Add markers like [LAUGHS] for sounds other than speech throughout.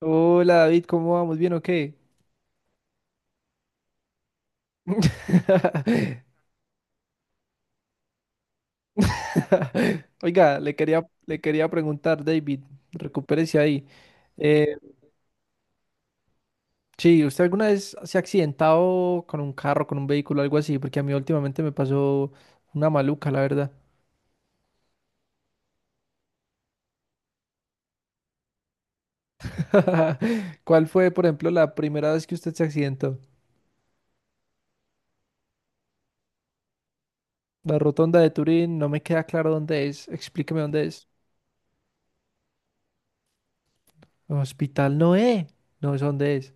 Hola David, ¿cómo vamos? ¿Bien o qué? [LAUGHS] Oiga, le quería preguntar, David, recupérese ahí. Eh, sí, ¿usted alguna vez se ha accidentado con un carro, con un vehículo, algo así? Porque a mí últimamente me pasó una maluca, la verdad. [LAUGHS] ¿Cuál fue, por ejemplo, la primera vez que usted se accidentó? La rotonda de Turín, no me queda claro dónde es. Explíqueme dónde es. Hospital Noé, no es dónde es.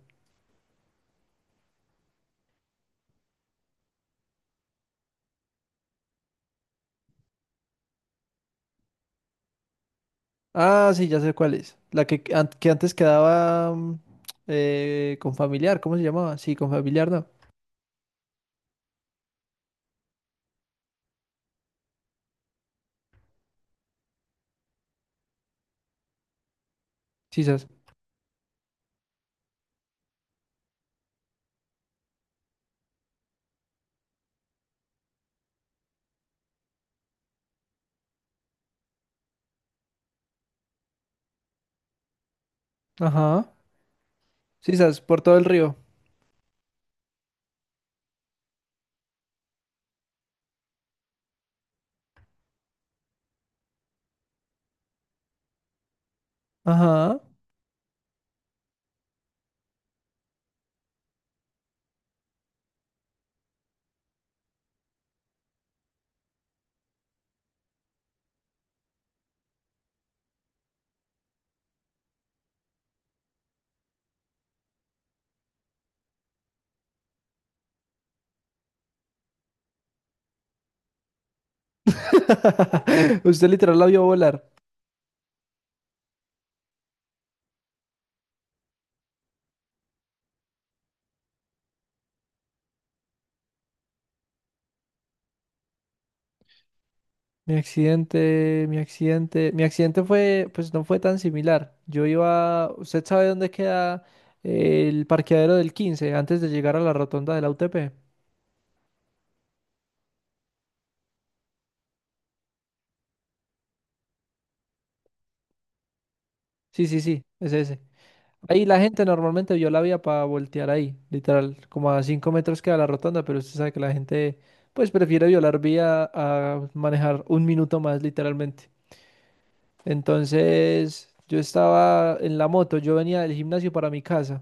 Ah, sí, ya sé cuál es. La que antes quedaba con familiar, ¿cómo se llamaba? Sí, con familiar, no. Sisas. Ajá. Sisas, por todo el río. Ajá. [LAUGHS] Usted literal la vio volar. Mi accidente, mi accidente. Mi accidente fue, pues no fue tan similar. Yo iba, ¿usted sabe dónde queda el parqueadero del 15 antes de llegar a la rotonda de la UTP? Sí, sí, sí, es ese. Ahí la gente normalmente vio la vía para voltear ahí, literal, como a 5 metros queda la rotonda, pero usted sabe que la gente pues prefiere violar vía a manejar un minuto más, literalmente. Entonces, yo estaba en la moto, yo venía del gimnasio para mi casa,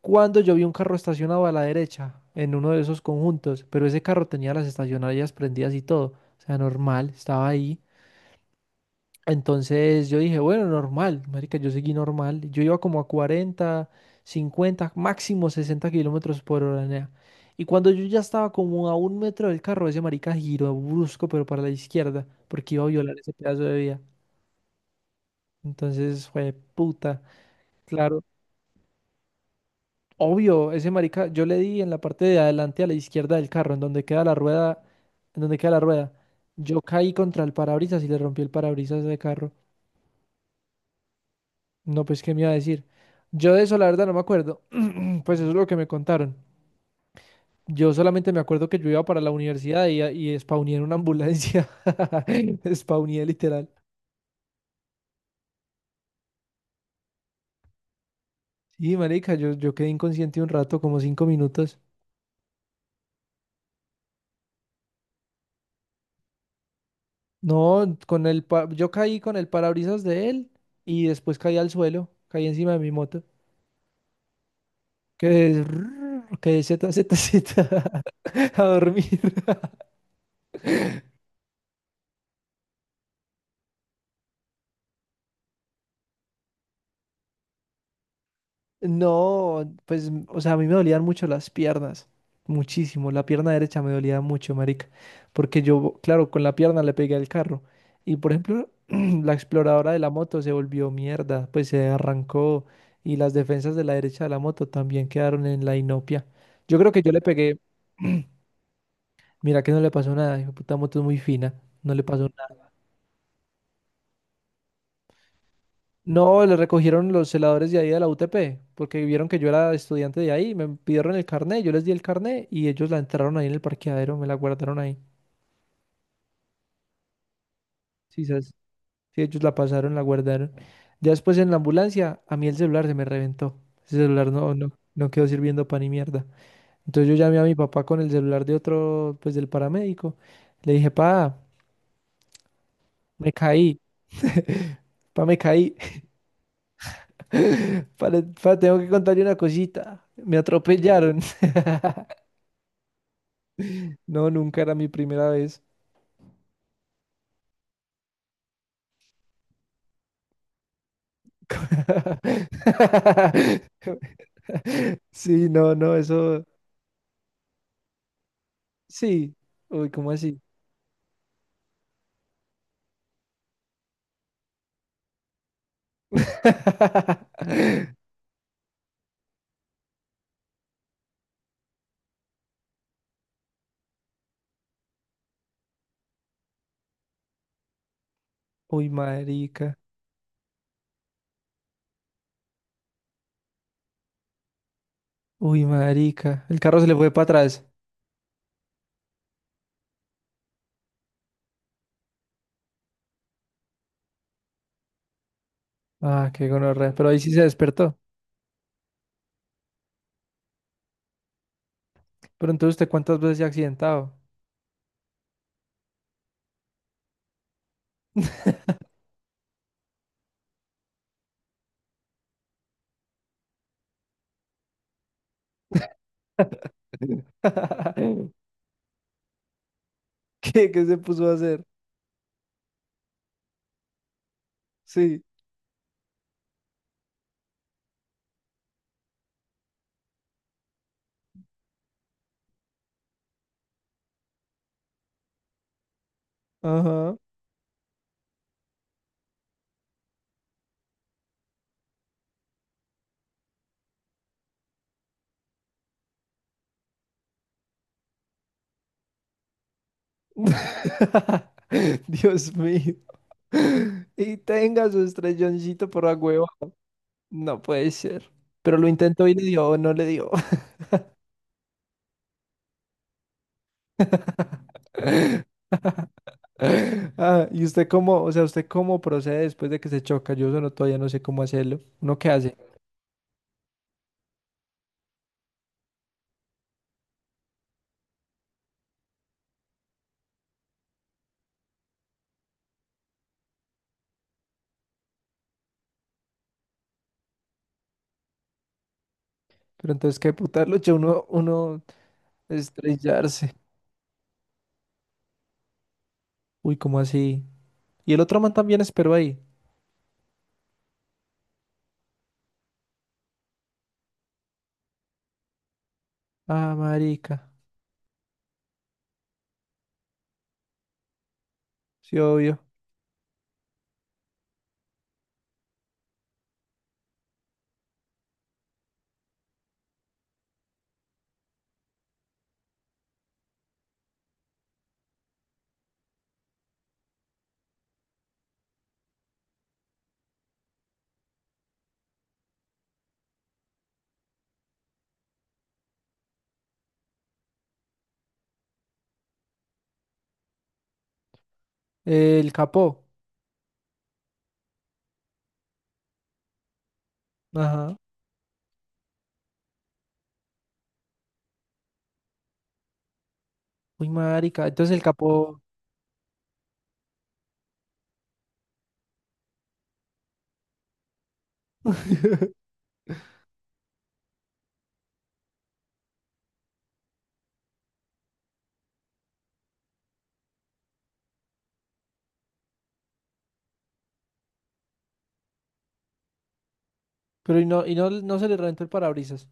cuando yo vi un carro estacionado a la derecha, en uno de esos conjuntos, pero ese carro tenía las estacionarias prendidas y todo, o sea, normal, estaba ahí. Entonces yo dije, bueno, normal, marica, yo seguí normal. Yo iba como a 40, 50, máximo 60 kilómetros por hora, nea. Y cuando yo ya estaba como a un metro del carro, ese marica giró brusco, pero para la izquierda, porque iba a violar ese pedazo de vía. Entonces fue puta. Claro, obvio, ese marica, yo le di en la parte de adelante a la izquierda del carro, en donde queda la rueda, en donde queda la rueda. Yo caí contra el parabrisas y le rompí el parabrisas de carro. No, pues, ¿qué me iba a decir? Yo de eso, la verdad, no me acuerdo. [CLEARS THROAT] Pues eso es lo que me contaron. Yo solamente me acuerdo que yo iba para la universidad y spawné en una ambulancia. [LAUGHS] Spawné literal. Sí, marica, yo quedé inconsciente un rato, como 5 minutos. No, yo caí con el parabrisas de él y después caí al suelo, caí encima de mi moto. Quedé, [LAUGHS] quedé ZZZ [LAUGHS] a dormir. No, pues, o sea, a mí me dolían mucho las piernas, muchísimo. La pierna derecha me dolía mucho, marica, porque yo, claro, con la pierna le pegué al carro. Y por ejemplo, [CLEARS THROAT] la exploradora de la moto se volvió mierda, pues se arrancó y las defensas de la derecha de la moto también quedaron en la inopia. Yo creo que yo le pegué, [CLEARS THROAT] mira que no le pasó nada, hijo de puta moto es muy fina, no le pasó. No, le recogieron los celadores de ahí de la UTP, porque vieron que yo era estudiante de ahí, me pidieron el carnet, yo les di el carnet y ellos la entraron ahí en el parqueadero, me la guardaron ahí. Sí, ¿sabes? Sí, sí, ellos la pasaron, la guardaron. Ya después en la ambulancia, a mí el celular se me reventó. Ese celular no, no, no quedó sirviendo para ni mierda. Entonces yo llamé a mi papá con el celular de otro, pues del paramédico. Le dije, pa, me caí. [LAUGHS] Pa, me caí. [LAUGHS] Pa, tengo que contarle una cosita. Me atropellaron. [LAUGHS] No, nunca era mi primera vez. [LAUGHS] Sí, no, no, eso. Sí. Uy, ¿cómo así? [LAUGHS] Uy, marica. Uy, marica. El carro se le fue para atrás. Ah, qué gonorrea. Pero ahí sí se despertó. Pero entonces, ¿usted cuántas veces se ha accidentado? [LAUGHS] ¿Qué, qué se puso a hacer? Sí. Ajá. [LAUGHS] Dios mío. Y tenga su estrelloncito por agua. No puede ser. Pero lo intentó y le dio o no le dio. [LAUGHS] Ah, ¿y usted cómo, o sea, usted cómo procede después de que se choca? Yo solo todavía no sé cómo hacerlo. ¿Uno qué hace? Pero entonces, ¿qué putarlo? Yo uno estrellarse. Uy, ¿cómo así? Y el otro man también esperó ahí. Ah, marica. Sí, obvio. El capó. Ajá. Uy, marica. Entonces el capó. [LAUGHS] Pero y no, no se le reventó el parabrisas.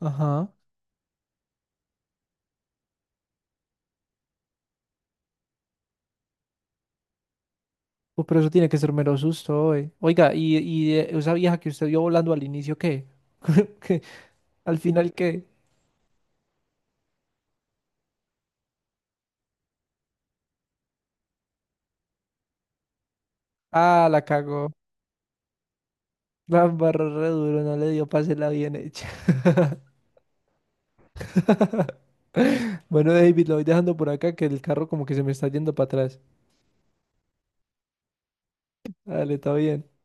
Ajá. Pero eso tiene que ser mero susto, oe. Oiga, y esa vieja que usted vio volando al inicio, ¿qué? [LAUGHS] ¿Qué? ¿Al final qué? Ah, la cagó. La embarró re duro, no le dio pase la bien hecha. [LAUGHS] Bueno, David, lo voy dejando por acá que el carro como que se me está yendo para atrás. Dale, está bien.